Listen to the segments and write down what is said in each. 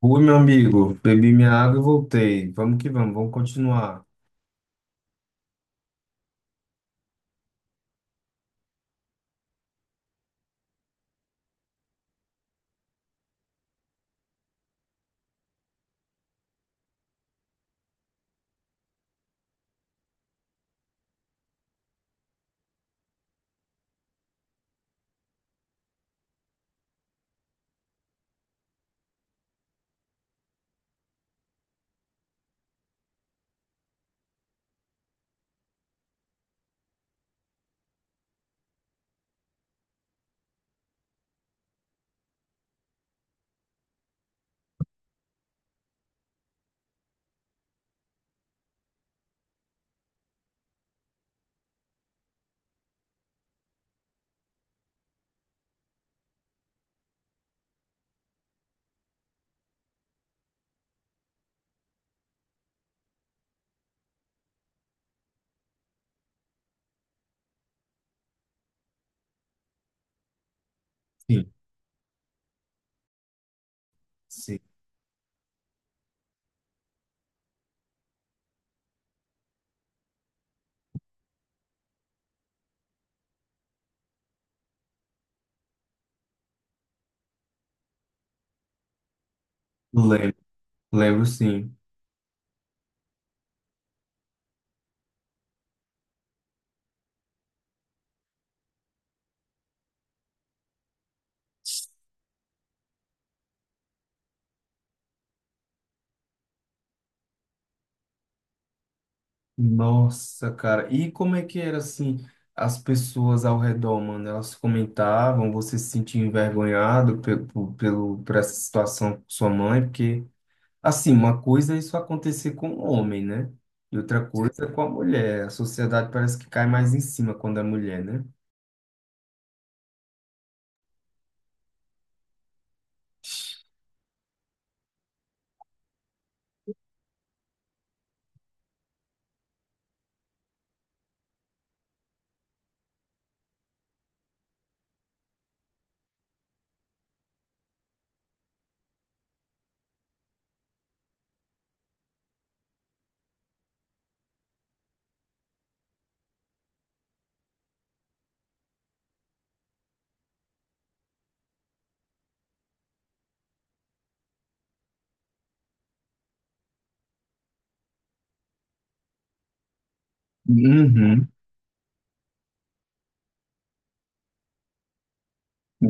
Oi, meu amigo, bebi minha água e voltei. Vamos que vamos, vamos continuar. Sim. Sim, lembro, lembro sim. Nossa, cara, e como é que era assim? As pessoas ao redor, mano, elas comentavam, você se sentia envergonhado pelo, por essa situação com sua mãe, porque, assim, uma coisa é isso acontecer com o homem, né? E outra coisa é com a mulher. A sociedade parece que cai mais em cima quando é mulher, né? Uhum,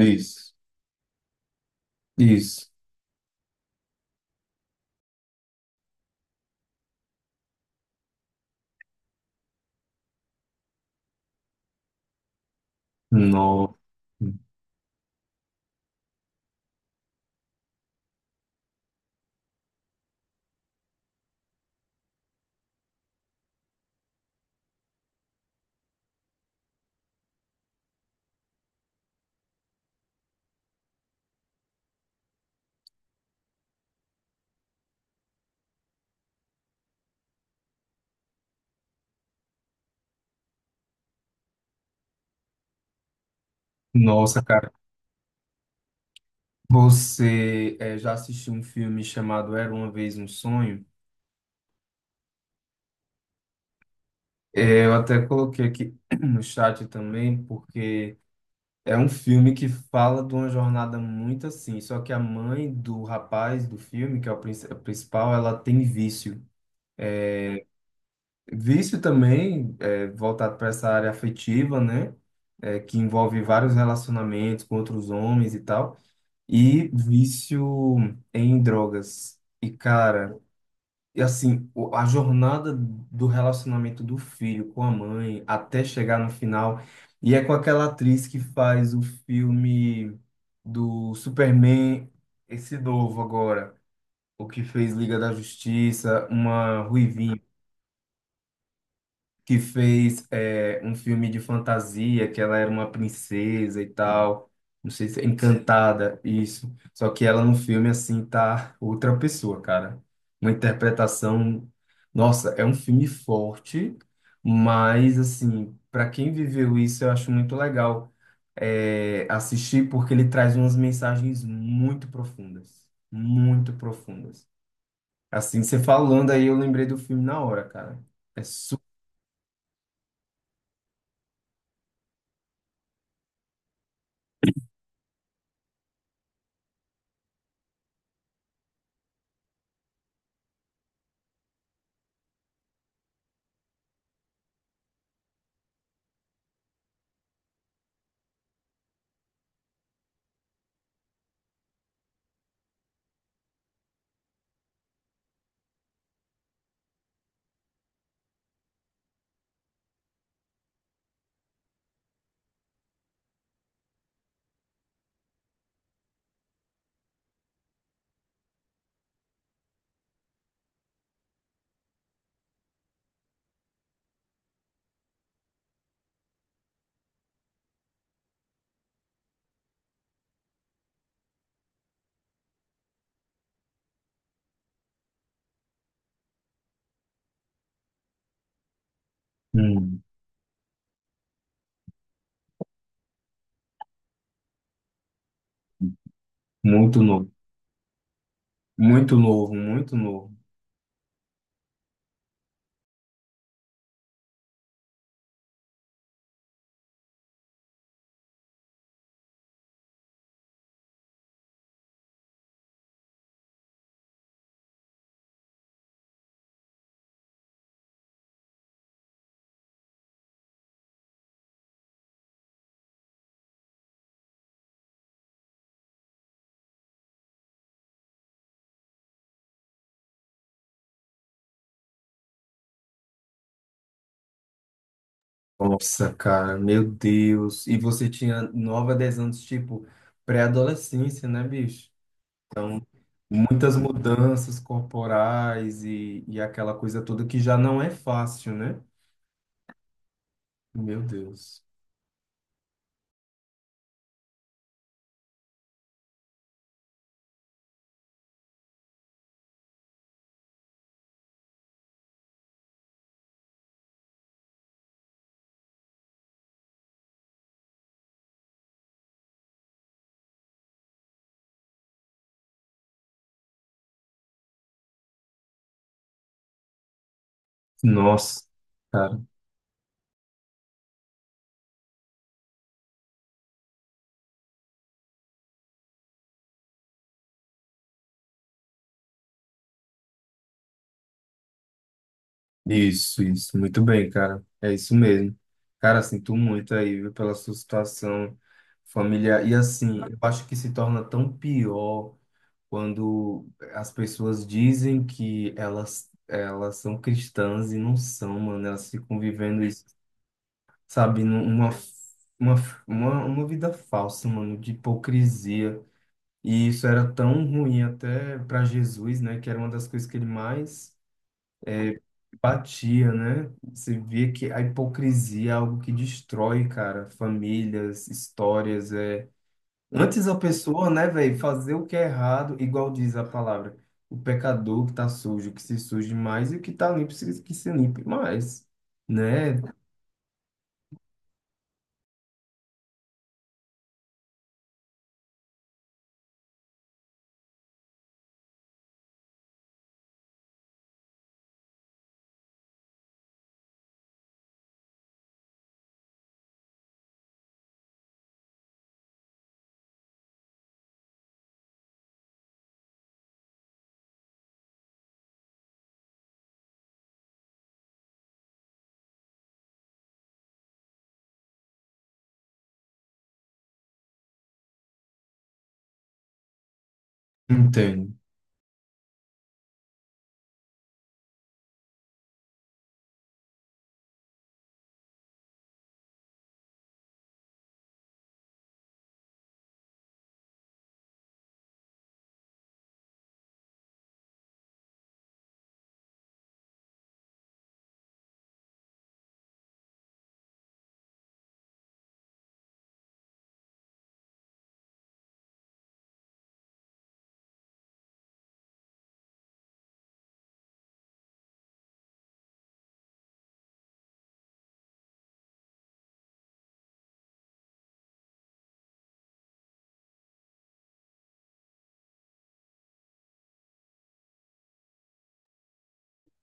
isso, isso. Nossa. Nossa, cara, você já assistiu um filme chamado Era Uma Vez um Sonho? Eh, eu até coloquei aqui no chat também, porque é um filme que fala de uma jornada muito assim. Só que a mãe do rapaz do filme, que é o a principal, ela tem vício. Vício também voltado para essa área afetiva, né? Eh, que envolve vários relacionamentos com outros homens e tal. E vício em drogas. E, cara. E assim, a jornada do relacionamento do filho com a mãe até chegar no final. E é com aquela atriz que faz o filme do Superman, esse novo agora, o que fez Liga da Justiça, uma que fez um filme de fantasia, que ela era uma princesa e tal. Não sei se é Encantada, isso. Só que ela no filme, assim, tá outra pessoa, cara. Uma interpretação. Nossa, é um filme forte, mas, assim, para quem viveu isso, eu acho muito legal assistir, porque ele traz umas mensagens muito profundas. Muito profundas. Assim, você falando aí, eu lembrei do filme na hora, cara. É super. Muito novo, muito novo, muito novo. Nossa, cara, meu Deus. E você tinha 9 a 10 anos, tipo, pré-adolescência, né, bicho? Muitas mudanças corporais e aquela coisa toda que já não é fácil, né? Meu Deus. Nossa, cara. Isso, isso. Muito bem, cara. É isso mesmo. Cara, sinto muito aí, viu, pela sua situação familiar. E assim, eu acho que se torna tão pior quando as pessoas dizem que elas são cristãs e não são, mano, elas ficam vivendo isso, sabe, numa uma, uma vida falsa, mano, de hipocrisia. E isso era tão ruim até para Jesus, né, que era uma das coisas que ele mais batia, né? Você via que a hipocrisia é algo que destrói, cara, famílias, histórias, é, antes a pessoa, né, velho, fazer o que é errado, igual diz a palavra, o pecador que tá sujo, que se suje mais, e o que tá limpo, que se limpe mais, né? Entendo.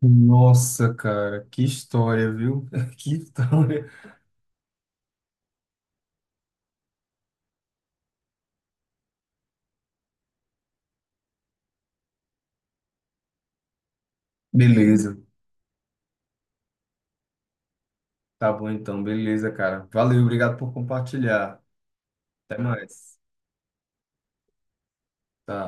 Nossa, cara, que história, viu? Que história. Beleza. Tá bom então, beleza, cara. Valeu, obrigado por compartilhar. Até mais. Tá.